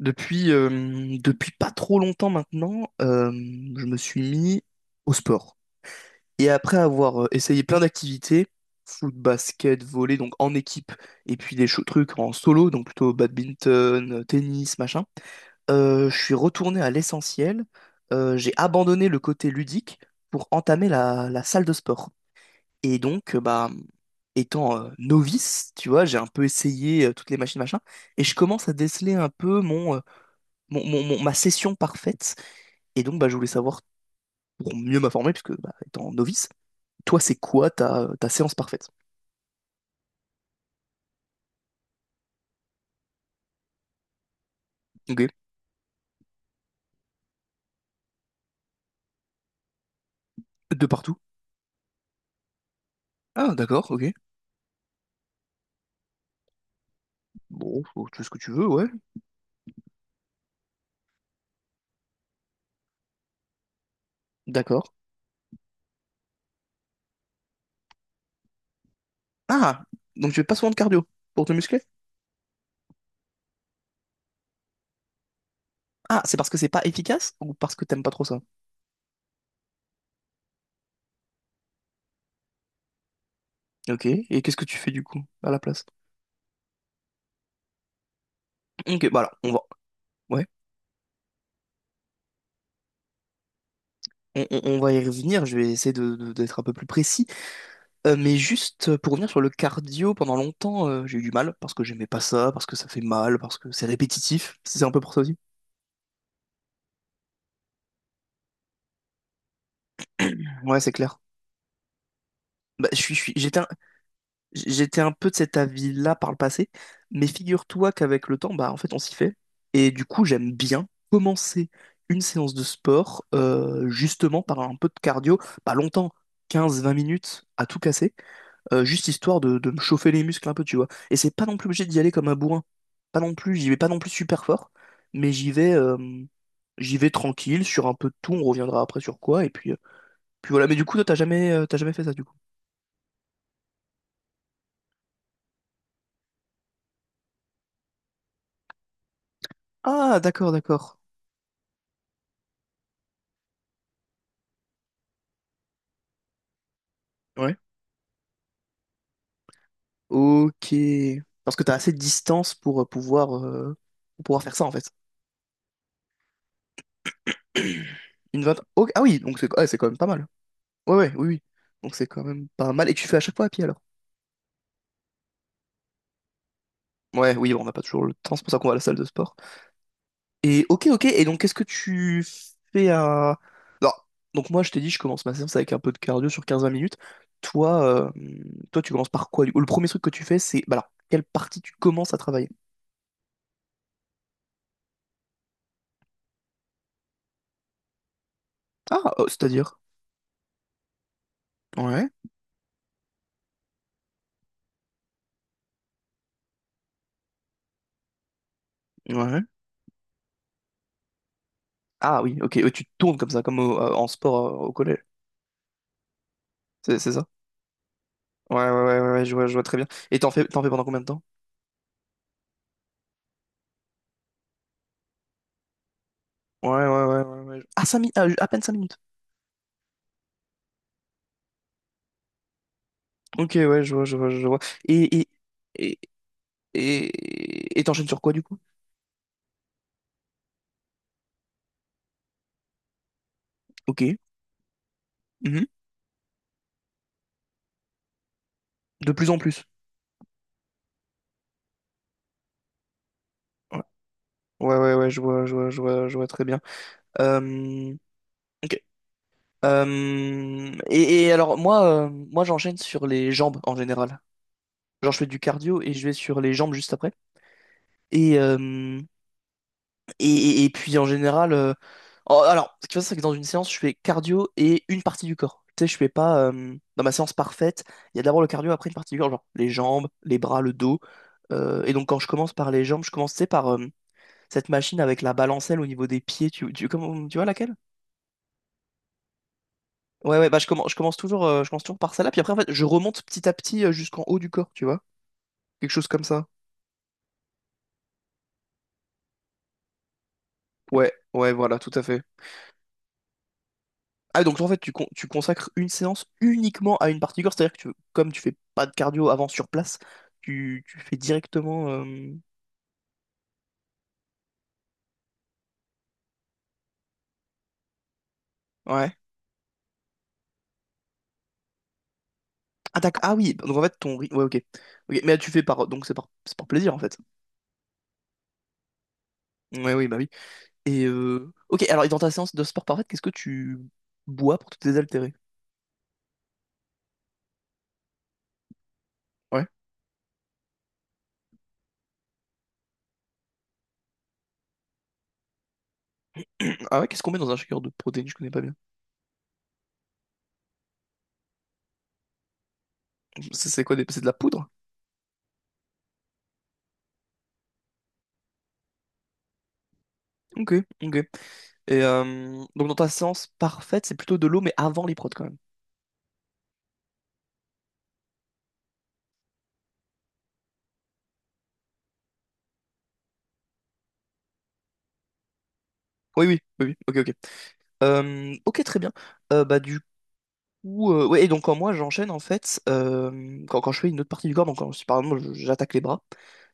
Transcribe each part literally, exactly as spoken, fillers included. Depuis, euh, depuis pas trop longtemps maintenant, euh, je me suis mis au sport. Et après avoir euh, essayé plein d'activités, foot, basket, volley, donc en équipe, et puis des cho- trucs en solo, donc plutôt badminton, euh, tennis, machin, euh, je suis retourné à l'essentiel. Euh, j'ai abandonné le côté ludique pour entamer la, la salle de sport. Et donc, euh, bah, étant euh, novice, tu vois, j'ai un peu essayé euh, toutes les machines, machin, et je commence à déceler un peu mon... euh, mon, mon- mon- ma session parfaite. Et donc, bah, je voulais savoir, pour mieux m'informer, puisque bah, étant novice, toi, c'est quoi ta, ta séance parfaite? Ok. De partout? Ah, d'accord, ok. Bon, faut- tu fais ce que tu veux, ouais. D'accord. Ah, donc tu fais pas souvent de cardio pour te muscler? Ah, c'est parce que c'est pas efficace ou parce que t'aimes pas trop ça? Ok, et qu'est-ce que tu fais du coup à la place? Ok, bah alors, on va. Ouais, on, on- on va y revenir, je vais essayer de, de- d'être un peu plus précis. Euh, mais juste euh, pour revenir sur le cardio, pendant longtemps, euh, j'ai eu du mal parce que j'aimais pas ça, parce que ça fait mal, parce que c'est répétitif. Si C'est un peu pour ça aussi. Ouais, c'est clair. Bah, je suis, je suis- j'étais un, j'étais un peu de cet avis-là par le passé, mais figure-toi qu'avec le temps, bah en fait, on s'y fait. Et du coup, j'aime bien commencer une séance de sport euh, justement par un peu de cardio, pas longtemps, quinze vingt minutes à tout casser, euh, juste histoire de, de me chauffer les muscles un peu, tu vois. Et c'est pas non plus obligé d'y aller comme un bourrin. Pas non plus, j'y vais pas non plus super fort, mais j'y vais, euh, j'y vais tranquille, sur un peu de tout, on reviendra après sur quoi, et puis, euh, puis voilà. Mais du coup, toi, t'as jamais, euh, t'as jamais fait ça, du coup. Ah, d'accord, d'accord. Ouais. Ok. Parce que t'as assez de distance pour euh, pouvoir, euh, pour pouvoir faire ça, en fait. Une vingt... ok, ah oui, donc c'est, ouais, c'est quand même pas mal. Ouais, ouais, oui, oui. Donc c'est quand même pas mal. Et tu fais à chaque fois à pied, alors? Ouais, oui, bon, on n'a pas toujours le temps, c'est pour ça qu'on va à la salle de sport. Et ok, ok. Et donc, qu'est-ce que tu fais à... non. Donc moi, je t'ai dit, je commence ma séance avec un peu de cardio sur quinze vingt minutes. Toi, euh, toi, tu commences par quoi? Du coup, le premier truc que tu fais, c'est... Bah alors, quelle partie tu commences à travailler? Ah, euh, c'est-à-dire? Ouais, ouais. Ah oui, ok. Ouais, tu te tournes comme ça, comme au- euh, en sport euh, au collège. C'est c'est ça? Ouais, ouais, ouais, ouais, ouais, je vois, je vois très bien. Et t'en fais, t'en fais pendant combien de temps? Ouais, ouais, ouais, ouais, ouais. Ah, cinq minutes, à peine cinq minutes. Ok, ouais, je vois, je vois, je vois. Et, et, et, et, et t'enchaînes sur quoi, du coup? Ok. De plus en plus. Ouais, ouais, ouais, ouais, je vois, je vois, je vois, je vois très bien. Euh, ok. Euh, et, et alors, moi, euh, moi j'enchaîne sur les jambes en général. Genre, je fais du cardio et je vais sur les jambes juste après. Et, euh, et, et- et puis, en général, euh, oh, alors, ce qui se passe, c'est que dans une séance, je fais cardio et une partie du corps. Tu sais, je fais pas, euh, dans ma séance parfaite, il y a d'abord le cardio, après une partie du corps, genre les jambes, les bras, le dos. Euh, et donc, quand je commence par les jambes, je commence, tu sais, par, euh, cette machine avec la balancelle au niveau des pieds, tu, tu, comment- tu vois laquelle? Ouais, ouais, bah je commence, je commence toujours, euh, je commence toujours par celle-là, puis après, en fait, je remonte petit à petit euh, jusqu'en haut du corps, tu vois? Quelque chose comme ça. Ouais, ouais, voilà, tout à fait. Ah, donc en fait, tu, con- tu consacres une séance uniquement à une partie du corps, c'est-à-dire que tu- comme tu fais pas de cardio avant sur place, tu, tu fais directement. euh, Ouais. Ah, d'accord. Ah oui, donc en fait, ton. ry- ouais, ok. Ok. Mais tu fais par. Donc c'est par... c'est par plaisir, en fait. Ouais, oui, bah oui. Et. euh, Ok, alors, et dans ta séance de sport parfaite, qu'est-ce que tu bois pour te désaltérer? Ouais. Ah ouais, qu'est-ce qu'on met dans un shaker de protéines? Je connais pas bien. C'est c'est quoi des- c'est de la poudre? Ok, ok. Et euh, donc dans ta séance parfaite, c'est plutôt de l'eau, mais avant les prods quand même. Oui, oui, oui, oui. Ok, ok. Euh, ok, très bien. Euh, bah du coup, euh, ouais. Et donc quand moi j'enchaîne en fait, euh, quand, quand je fais une autre partie du corps, donc quand, je par exemple je- j'attaque les bras,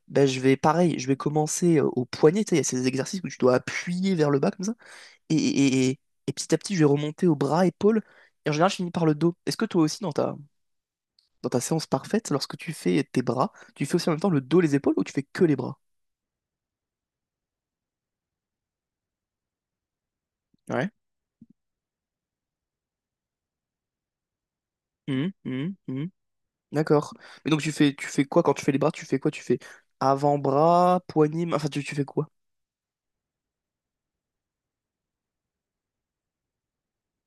ben je vais pareil, je vais commencer euh, au poignet. Tu sais, il y a ces exercices où tu dois appuyer vers le bas comme ça, et, et, et, et petit à petit je vais remonter au bras, épaules. Et en général, je finis par le dos. Est-ce que toi aussi dans ta dans ta séance parfaite, lorsque tu fais tes bras, tu fais aussi en même temps le dos, les épaules ou tu fais que les bras? Ouais. Mhm, mhm, mhm. D'accord. Mais donc tu fais tu fais quoi quand tu fais les bras? Tu fais quoi? Tu fais avant-bras, poignée, main enfin tu, tu fais quoi?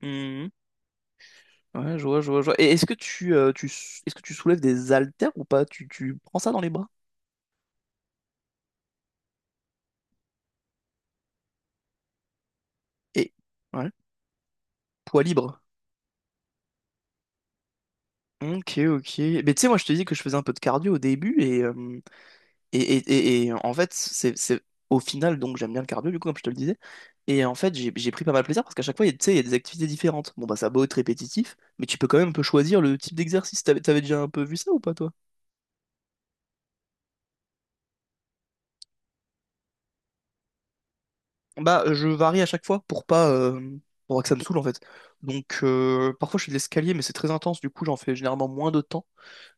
Mhm. Ouais, je vois, je vois, je vois. Et est-ce que tu, euh, tu s- est-ce que tu soulèves des haltères ou pas? Tu, tu prends ça dans les bras? Et ouais. Poids libre. Ok, ok. Mais tu sais, moi je te dis que je faisais un peu de cardio au début et euh, Et, et, et, et en fait, c'est, c'est au final, donc j'aime bien le cardio, du coup, comme je te le disais. Et en fait, j'ai j'ai pris pas mal de plaisir parce qu'à chaque fois, il y a- tu sais, il y a des activités différentes. Bon, bah, ça a beau être répétitif, mais tu peux quand même un peu choisir le type d'exercice. T'avais, t'avais déjà un peu vu ça ou pas, toi? Bah, euh, je varie à chaque fois pour pas, euh, pour pas que ça me saoule, en fait. Donc, euh, parfois, je fais de l'escalier, mais c'est très intense, du coup, j'en fais généralement moins de temps.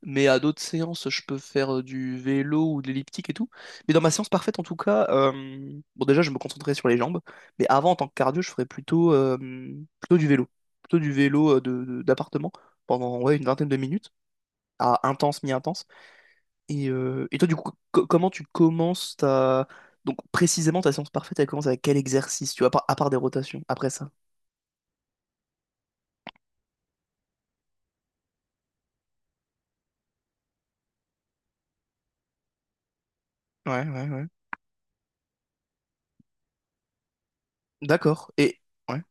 Mais à d'autres séances, je peux faire du vélo ou de l'elliptique et tout. Mais dans ma séance parfaite, en tout cas, euh, bon, déjà, je me concentrais sur les jambes. Mais avant, en tant que cardio, je ferais plutôt, euh, plutôt du vélo. Plutôt du vélo euh, de, de- d'appartement pendant, ouais, une vingtaine de minutes, à intense, mi-intense. Et, euh, et toi, du coup, co- comment tu commences ta. Donc, précisément, ta séance parfaite, elle commence avec quel exercice, tu vois, à part, à part des rotations, après ça? Ouais, ouais, ouais. D'accord. Et, ouais.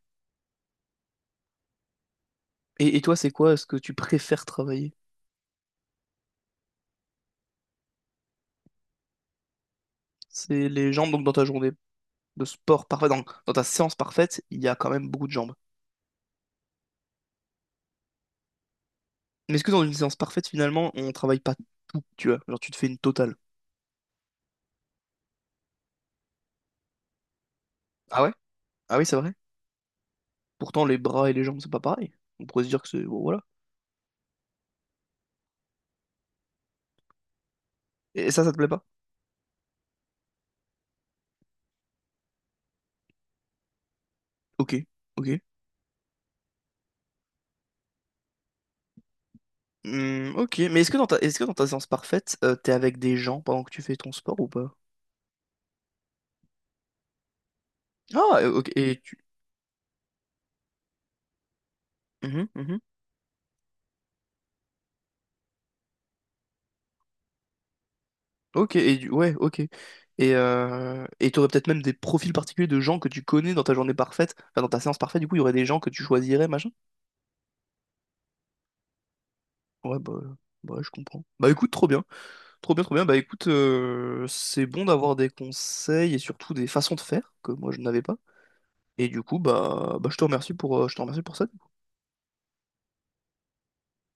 Et, et toi, c'est quoi ce que tu préfères travailler? C'est les jambes, donc, dans ta journée de sport parfait, dans, dans ta séance parfaite, il y a quand même beaucoup de jambes. Mais est-ce que dans une séance parfaite, finalement, on travaille pas tout, tu vois? Genre, tu te fais une totale. Ah ouais? Ah oui, c'est vrai. Pourtant, les bras et les jambes, c'est pas pareil. On pourrait se dire que c'est. Bon, voilà. Et ça, ça te plaît pas? Ok, ok. Hmm, ok, mais est-ce que dans ta, est-ce que dans ta séance parfaite, euh, t'es avec des gens pendant que tu fais ton sport ou pas? Ah, euh, ok, et tu... Mhm, mhm. Ok, et du- ouais, ok. Et euh, et t'aurais peut-être même des profils particuliers de gens que tu connais dans ta journée parfaite, enfin dans ta séance parfaite, du coup, il y aurait des gens que tu choisirais, machin? Ouais, bah, bah ouais, je comprends. Bah écoute, trop bien. Trop bien, trop bien. Bah écoute, euh, c'est bon d'avoir des conseils et surtout des façons de faire que moi je n'avais pas. Et du coup, bah, bah je te remercie pour, euh, je te remercie pour ça.